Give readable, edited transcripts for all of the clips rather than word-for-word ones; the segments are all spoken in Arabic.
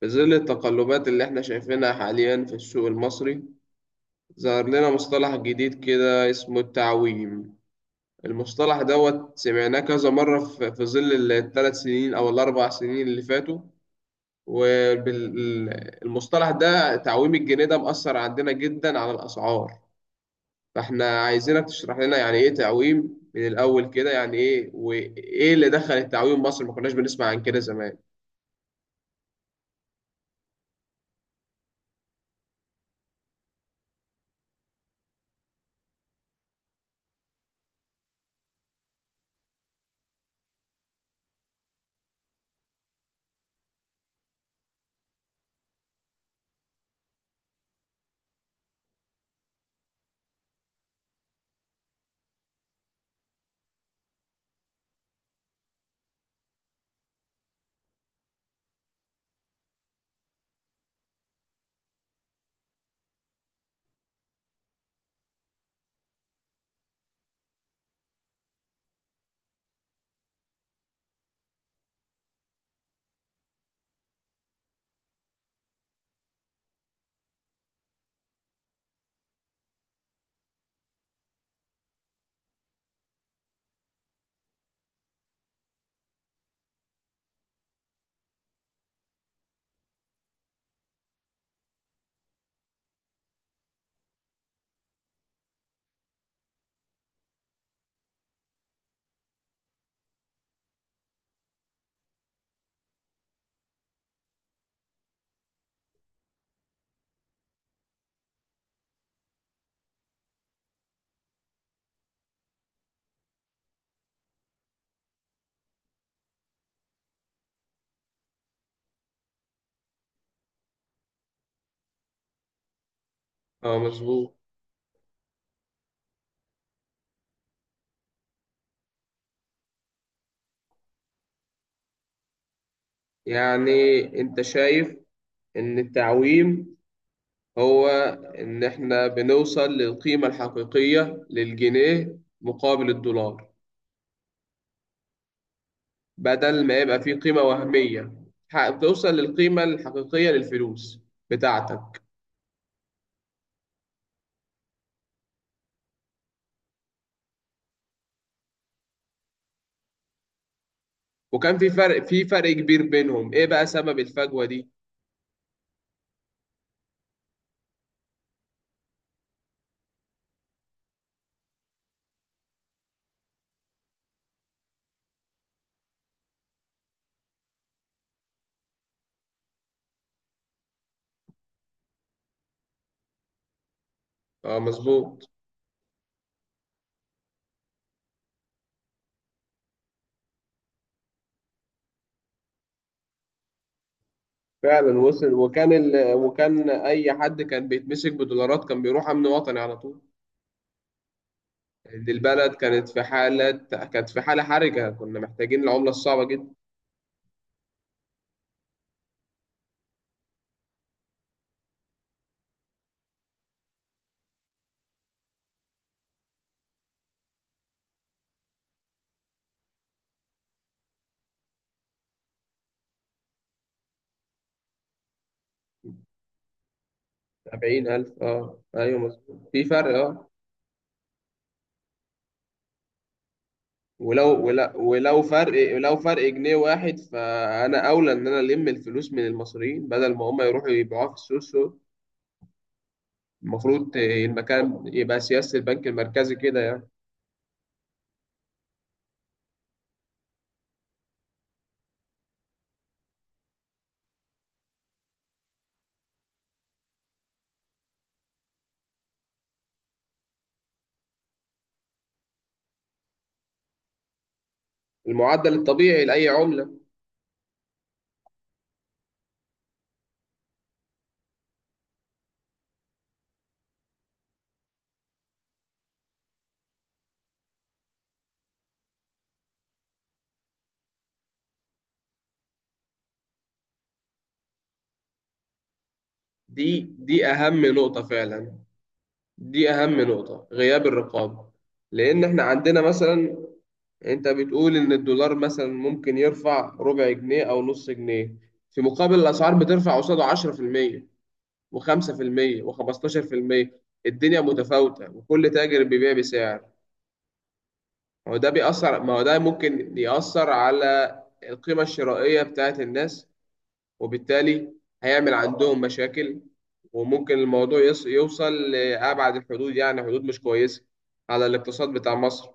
في ظل التقلبات اللي احنا شايفينها حاليا في السوق المصري، ظهر لنا مصطلح جديد كده اسمه التعويم. المصطلح دوت سمعناه كذا مرة في ظل الثلاث سنين أو الأربع سنين اللي فاتوا، والمصطلح ده تعويم الجنيه ده مأثر عندنا جدا على الأسعار. فاحنا عايزينك تشرح لنا يعني إيه تعويم، من الأول كده يعني إيه، وإيه اللي دخل التعويم مصر؟ ما كناش بنسمع عن كده زمان. اه، مظبوط. يعني انت شايف ان التعويم هو إن إحنا بنوصل للقيمة الحقيقية للجنيه مقابل الدولار، بدل ما يبقى فيه قيمة وهمية، بتوصل للقيمة الحقيقية للفلوس بتاعتك. وكان في فرق كبير بينهم. إيه بقى سبب الفجوة دي؟ آه، مظبوط. فعلا وصل، وكان وكان أي حد كان بيتمسك بدولارات كان بيروح أمن وطني على طول. دي البلد كانت في حالة حرجة، كنا محتاجين العملة الصعبة جدا. 70,000. اه، ايوه، مظبوط، في فرق. اه، ولو فرق جنيه واحد، فانا اولى ان انا الم الفلوس من المصريين بدل ما هم يروحوا يبيعوها في السوق. المفروض المكان يبقى سياسة البنك المركزي كده يعني. المعدل الطبيعي لأي عملة. دي أهم نقطة فعلا. دي أهم نقطة، غياب الرقابة. لأن إحنا عندنا مثلا، أنت بتقول إن الدولار مثلا ممكن يرفع ربع جنيه أو نص جنيه، في مقابل الأسعار بترفع قصاده 10% و5% و15%. الدنيا متفاوتة وكل تاجر بيبيع بسعر. ما هو ده ممكن يأثر على القيمة الشرائية بتاعت الناس، وبالتالي هيعمل عندهم مشاكل. وممكن الموضوع يوصل لأبعد الحدود، يعني حدود مش كويسة على الاقتصاد بتاع مصر.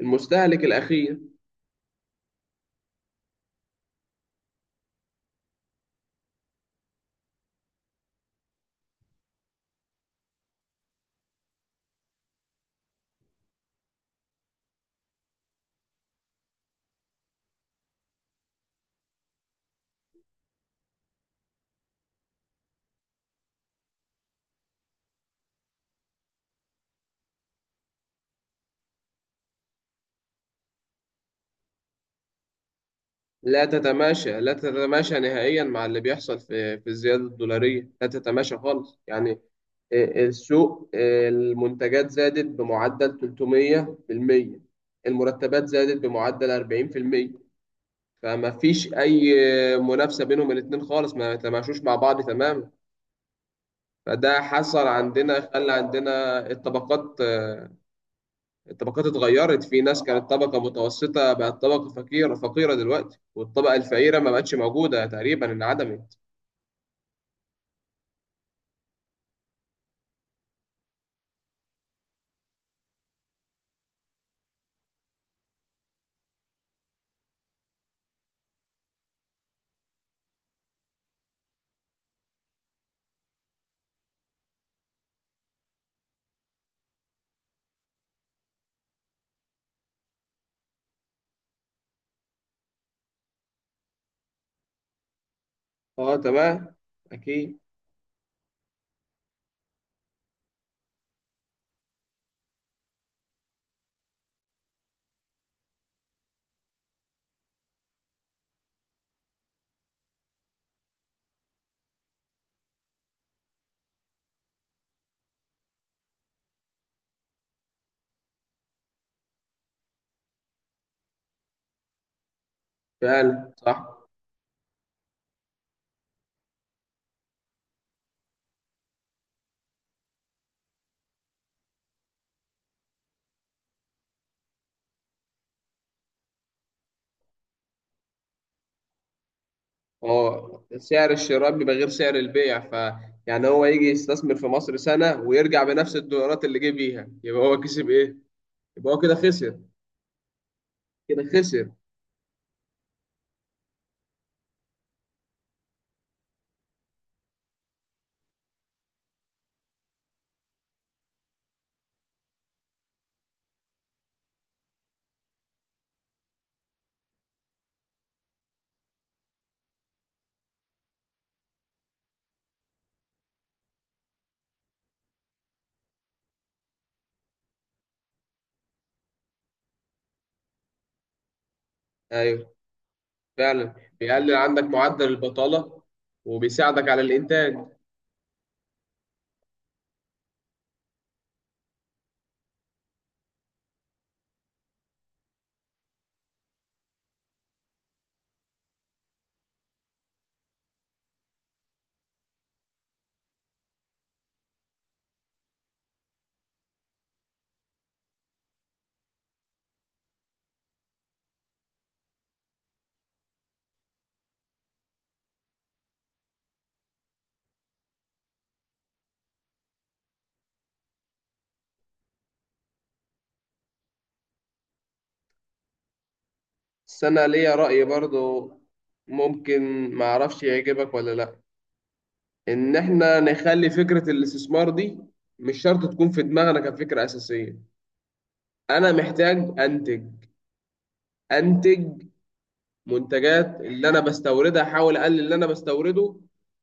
المستهلك الأخير. لا تتماشى نهائيا مع اللي بيحصل في الزيادة الدولارية، لا تتماشى خالص يعني. السوق، المنتجات زادت بمعدل 300%، المرتبات زادت بمعدل 40%. فما فيش أي منافسة بينهم الاتنين خالص، ما تماشوش مع بعض تماما. فده حصل عندنا، خلى عندنا الطبقات، الطبقات اتغيرت. في ناس كانت طبقة متوسطة بقت طبقة فقيرة، فقيرة دلوقتي، والطبقة الفقيرة ما بقتش موجودة، تقريبا انعدمت. اه، تمام. اكيد. فعلا، صح. هو سعر الشراء بيبقى غير سعر البيع. ف يعني هو يجي يستثمر في مصر سنة ويرجع بنفس الدولارات اللي جه بيها، يبقى هو كسب ايه؟ يبقى هو كده خسر، كده خسر. ايوه. فعلا. بيقلل عندك معدل البطالة وبيساعدك على الانتاج. بس انا ليا رأي برضو، ممكن ما اعرفش يعجبك ولا لا. ان احنا نخلي فكرة الاستثمار دي مش شرط تكون في دماغنا كفكرة أساسية. أنا محتاج أنتج انتج منتجات اللي انا بستوردها، احاول اقلل اللي انا بستورده،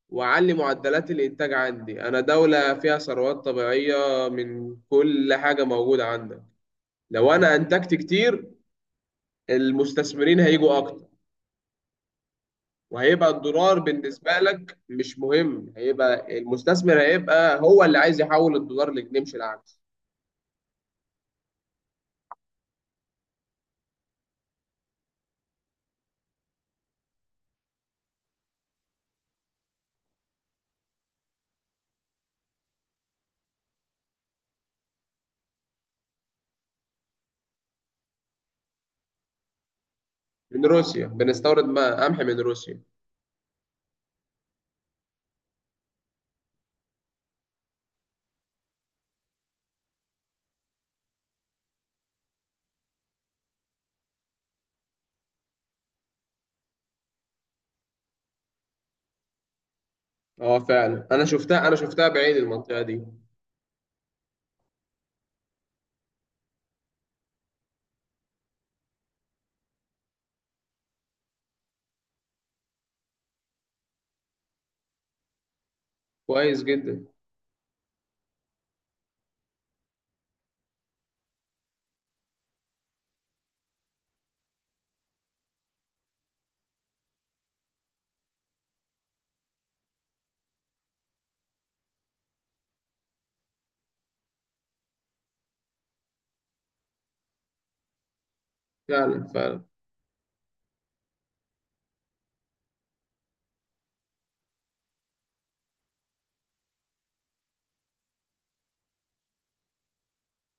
واعلي معدلات الانتاج عندي. انا دولة فيها ثروات طبيعية، من كل حاجة موجودة عندك. لو انا انتجت كتير، المستثمرين هيجوا اكتر، وهيبقى الدولار بالنسبة لك مش مهم، هيبقى المستثمر هيبقى هو اللي عايز يحول الدولار لجنيه مش العكس. من روسيا بنستورد، ما قمح من روسيا. اه، فعلا، انا شفتها بعيني المنطقة دي. كويس جدا. فعلا، فعلا.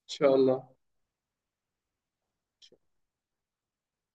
شاء الله إن